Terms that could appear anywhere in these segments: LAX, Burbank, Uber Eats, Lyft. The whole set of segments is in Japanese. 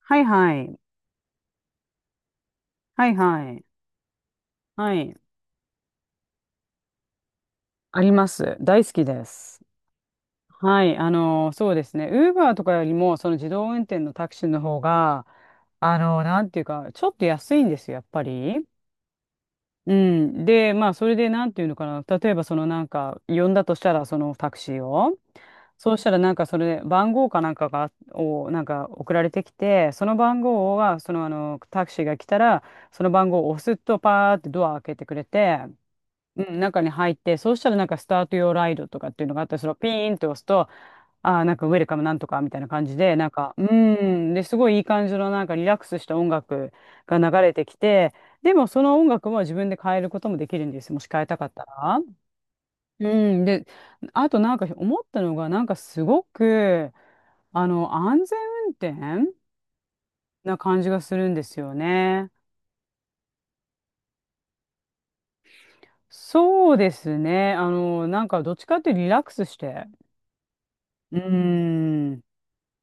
はいはい。はいはい。はい。あります。大好きです。はい。そうですね。ウーバーとかよりも、その自動運転のタクシーの方が、なんていうか、ちょっと安いんですよ、やっぱり。うん。で、まあ、それで、なんていうのかな。例えば、そのなんか、呼んだとしたら、そのタクシーを。そうしたら、なんか、それで、番号かなんかが、を、なんか、送られてきて、その番号は、タクシーが来たら、その番号を押すと、パーってドア開けてくれて、うん、中に入って、そうしたらなんかスタート用ライドとかっていうのがあったり、それをピーンと押すと、ああ、なんかウェルカムなんとかみたいな感じで、なんか、で、すごいいい感じのなんかリラックスした音楽が流れてきて、でもその音楽は自分で変えることもできるんですよ。もし変えたかったら。うん、で、あとなんか思ったのが、なんかすごく、あの、安全運転な感じがするんですよね。そうですね。なんかどっちかっていうとリラックスして。うーん。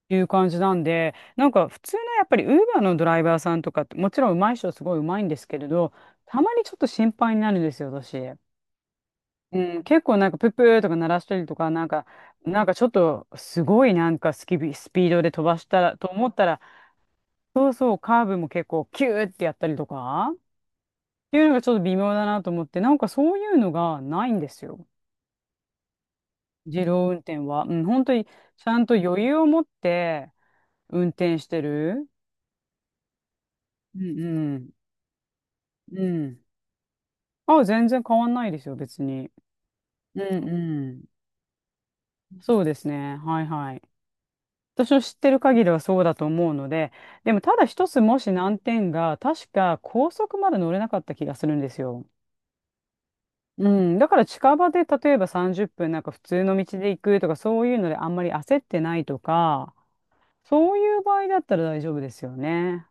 いう感じなんで、なんか普通のやっぱりウーバーのドライバーさんとかって、もちろん上手い人はすごい上手いんですけれど、たまにちょっと心配になるんですよ、私。うん、結構なんかプップーとか鳴らしたりとか、なんか、なんかちょっとすごいなんかスキビ、スピードで飛ばしたらと思ったら、そうそう、カーブも結構キューってやったりとか、っていうのがちょっと微妙だなと思って、なんかそういうのがないんですよ。自動運転は。うん、本当にちゃんと余裕を持って運転してる。うんうん。うん。あ、全然変わんないですよ、別に。うんうん。そうですね。はいはい。私の知ってる限りはそうだと思うので、でもただ一つもし難点が、確か高速まで乗れなかった気がするんですよ。うん。だから近場で例えば30分なんか普通の道で行くとか、そういうのであんまり焦ってないとか、そういう場合だったら大丈夫ですよね。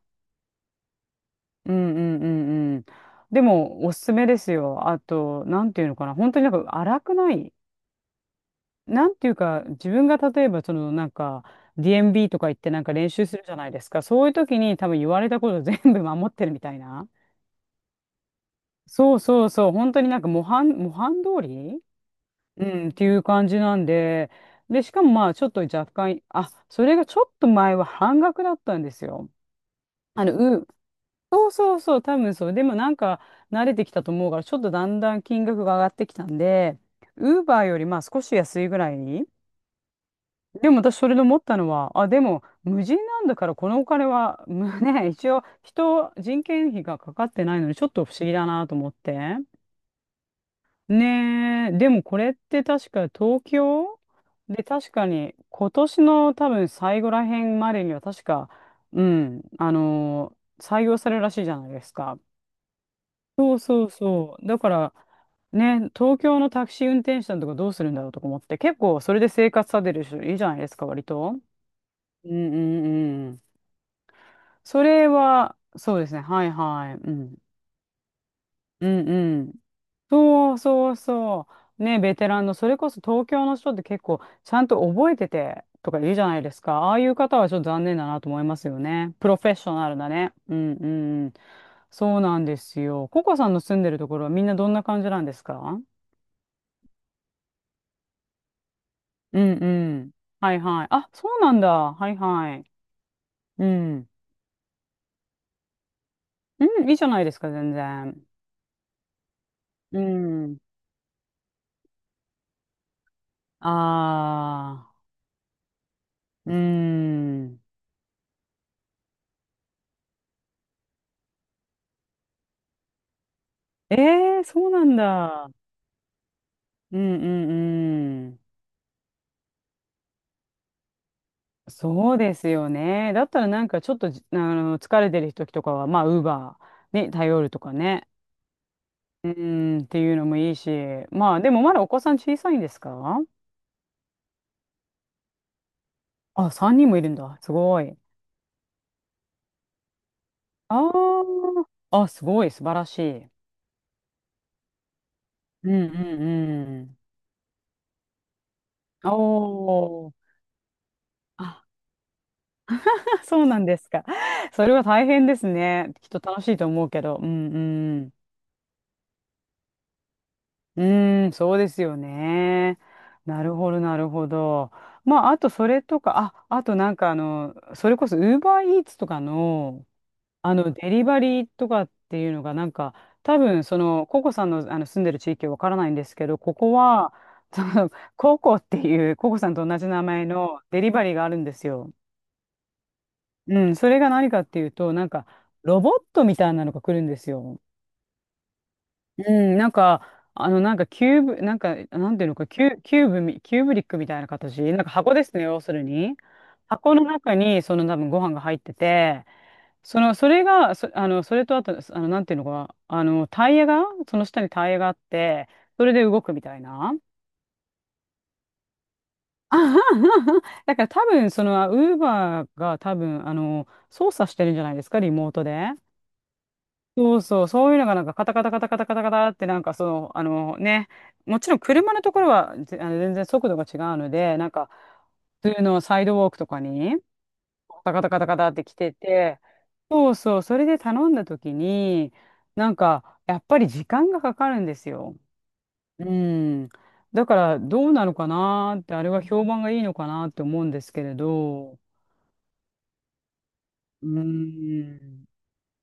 うんうんうんうん。でもおすすめですよ。あと、なんていうのかな。本当になんか荒くない。なんていうか、自分が例えば、そのなんか、DMB とか行ってなんか練習するじゃないですか。そういう時に多分言われたこと全部守ってるみたいな。そうそうそう、本当になんか模範通り、うん、っていう感じなんで、で、しかもまあ、ちょっと若干、あ、それがちょっと前は半額だったんですよ。あの、うん。そうそうそう、多分そう。でもなんか、慣れてきたと思うから、ちょっとだんだん金額が上がってきたんで、ウーバーよりまあ少し安いぐらい、でも私それで思ったのは、あ、でも無人なんだからこのお金は、むね、一応人件費がかかってないのにちょっと不思議だなと思って。ねえ、でもこれって確か東京で確かに今年の多分最後らへんまでには確か、うん、採用されるらしいじゃないですか。そうそうそう。だから、ね、東京のタクシー運転手さんとかどうするんだろうとか思って、結構それで生活されてる人いるじゃないですか、割と。うんうんうん。それは、そうですね。はいはい。うん。うんうん。そうそうそう。ね、ベテランの、それこそ東京の人って結構、ちゃんと覚えててとか言うじゃないですか。ああいう方はちょっと残念だなと思いますよね。プロフェッショナルだね。うんうんうん。そうなんですよ。ココさんの住んでるところはみんなどんな感じなんですか？うんうん。はいはい。あ、そうなんだ。はいはい。うん。うん、いいじゃないですか、全然。うん。ああ。うーん。ええ、そうなんだ。うんうんうん。そうですよね。だったらなんかちょっとじ、あの、疲れてる時とかは、まあ、ウーバーに頼るとかね。うーん、っていうのもいいし。まあ、でもまだお子さん小さいんですか？あ、3人もいるんだ。すごい。ああ、すごい、素晴らしい。うんうんうん。おー。あ、そうなんですか。それは大変ですね。きっと楽しいと思うけど。うんうん。うーん、そうですよね。なるほど、なるほど。まあ、あとそれとか、あ、あとなんかあの、それこそ Uber Eats とかの、あの、デリバリーとかっていうのが、なんか、多分、その、ココさんの、あの住んでる地域はわからないんですけど、ここは、その、ココっていう、ココさんと同じ名前のデリバリーがあるんですよ。うん、それが何かっていうと、なんか、ロボットみたいなのが来るんですよ。うん、なんか、あの、なんかキューブ、なんか、なんていうのか、キュ、キューブみ、キューブリックみたいな形、なんか箱ですね、要するに。箱の中に、その多分ご飯が入ってて、それとあと、あの、なんていうのか、あの、タイヤが、その下にタイヤがあって、それで動くみたいな。あはは、だから多分、その、ウーバーが多分、あの、操作してるんじゃないですか、リモートで。そうそう、そういうのがなんかカタカタカタカタカタカタってなんかその、あのね、もちろん車のところはぜあの全然速度が違うので、なんか普通のサイドウォークとかにカタカタカタカタって来てて、そうそう、それで頼んだ時に、なんかやっぱり時間がかかるんですよ。うん。だからどうなのかなーって、あれは評判がいいのかなって思うんですけれど、うん、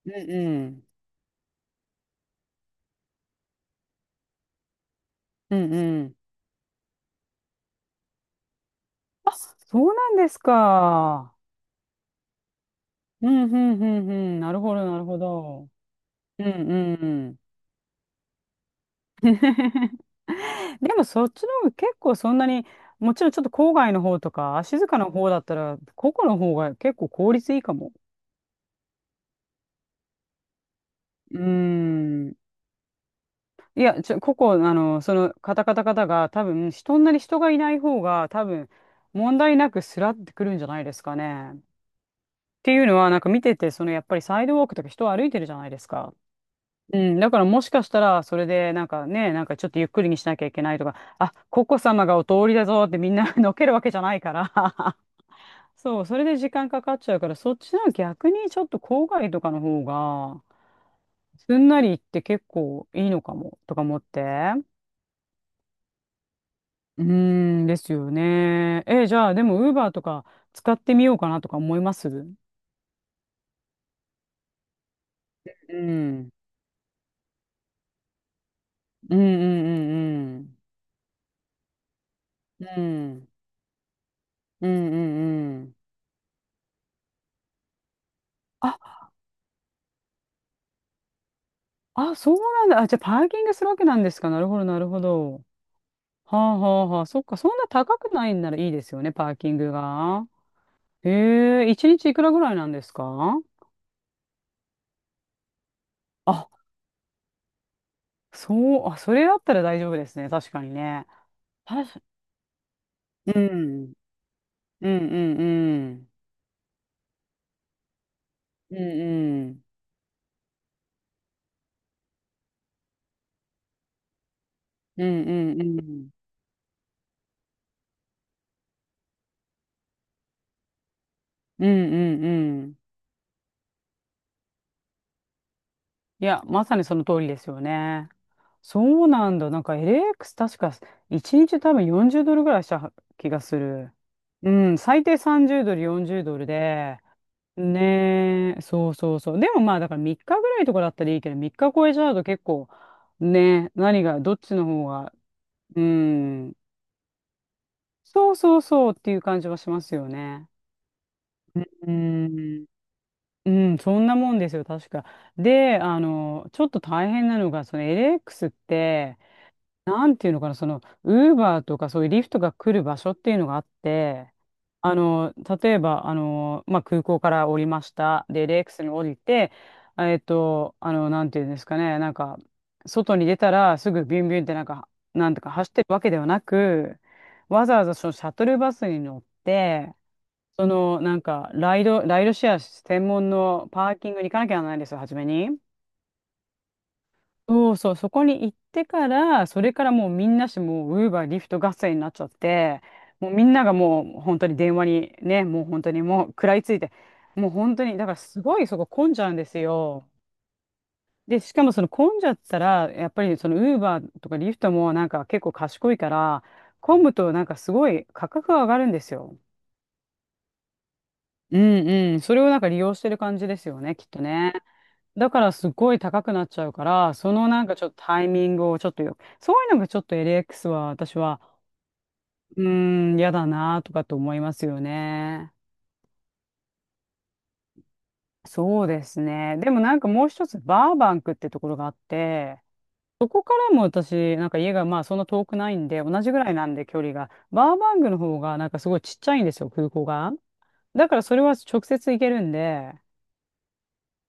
うんうん、うんうん。あ、そうなんですか。うん、うん、うん、うん。なるほど、なるほど。うん、うん。うん。 でもそっちの方が結構そんなに、もちろんちょっと郊外の方とか、静かな方だったら、個々の方が結構効率いいかも。うーん。ここ、あの、その、カタカタカタが、多分、そんなに人がいない方が、多分、問題なくスラってくるんじゃないですかね。っていうのは、なんか見てて、その、やっぱりサイドウォークとか人歩いてるじゃないですか。うん、だからもしかしたら、それで、なんかね、なんかちょっとゆっくりにしなきゃいけないとか、あ、ココ様がお通りだぞってみんな のけるわけじゃないから、 そう、それで時間かかっちゃうから、そっちの逆にちょっと郊外とかの方が、すんなり行って結構いいのかも、とか思って。うーん、ですよね。え、じゃあ、でも、ウーバーとか使ってみようかなとか思います。うん。うんうんうんうん。うん。うんうんうん。ああ、そうなんだ。あ、じゃあパーキングするわけなんですか。なるほど、なるほど。はあはあはあ。そっか、そんな高くないんならいいですよね、パーキングが。へえ、一日いくらぐらいなんですか？あ、そう、あ、それだったら大丈夫ですね。確かにね。たし、うん、うん、うん、うん、うん、うん、うん、うん、うん、うん、うん、うん、いや、まさにその通りですよね。そうなんだ。なんか LX 確か1日多分40ドルぐらいした気がする。うん、最低30ドル、40ドルで。ねえ、そうそうそう。でもまあだから3日ぐらいとかだったらいいけど、3日超えちゃうと結構、ねえ、何が、どっちの方が、うん、そうそうそうっていう感じはしますよね。うん、うん、そんなもんですよ、確か。で、あの、ちょっと大変なのが、その LX って、なんていうのかな、その、ウーバーとかそういうリフトが来る場所っていうのがあって、あの、例えば、あの、まあ、空港から降りました。で、レックスに降りて、あの、なんていうんですかね、なんか、外に出たらすぐビュンビュンってなんか、なんとか走ってるわけではなく、わざわざそのシャトルバスに乗って、その、なんか、ライドシェア専門のパーキングに行かなきゃならないんですよ、初めに。そうそう、そこに行ってから、それからもうみんなしもう、ウーバー、リフト合戦になっちゃって、もうみんながもう本当に電話にね、もう本当にもう食らいついて、もう本当に、だからすごいそこ混んじゃうんですよ。で、しかもその混んじゃったら、やっぱりそのウーバーとかリフトもなんか結構賢いから、混むとなんかすごい価格が上がるんですよ。うんうん、それをなんか利用してる感じですよね、きっとね。だからすごい高くなっちゃうから、そのなんかちょっとタイミングをちょっとよ、そういうのがちょっと LX は私は、うーん、嫌だなとかと思いますよね。そうですね。でもなんかもう一つ、バーバンクってところがあって、そこからも私、なんか家がまあそんな遠くないんで、同じぐらいなんで距離が、バーバンクの方がなんかすごいちっちゃいんですよ、空港が。だからそれは直接行けるんで、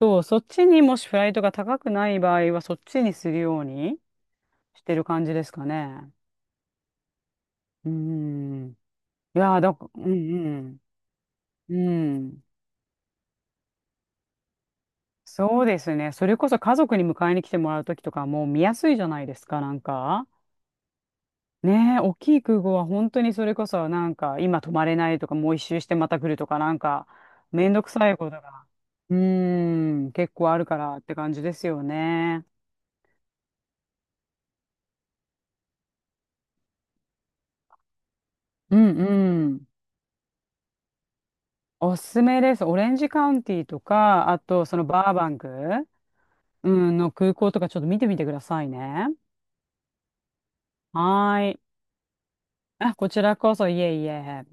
そう、そっちにもしフライトが高くない場合は、そっちにするようにしてる感じですかね。うん。いやー、だから、うんうん。うん。そうですね。それこそ家族に迎えに来てもらうときとかもう見やすいじゃないですか、なんか。ねえ、大きい空港は本当にそれこそなんか今泊まれないとかもう一周してまた来るとかなんかめんどくさいことが。うーん、結構あるからって感じですよね。うんうん。おすすめです。オレンジカウンティとか、あとそのバーバンク、うん、の空港とかちょっと見てみてくださいね。はーい。あ、こちらこそ、いえいえ。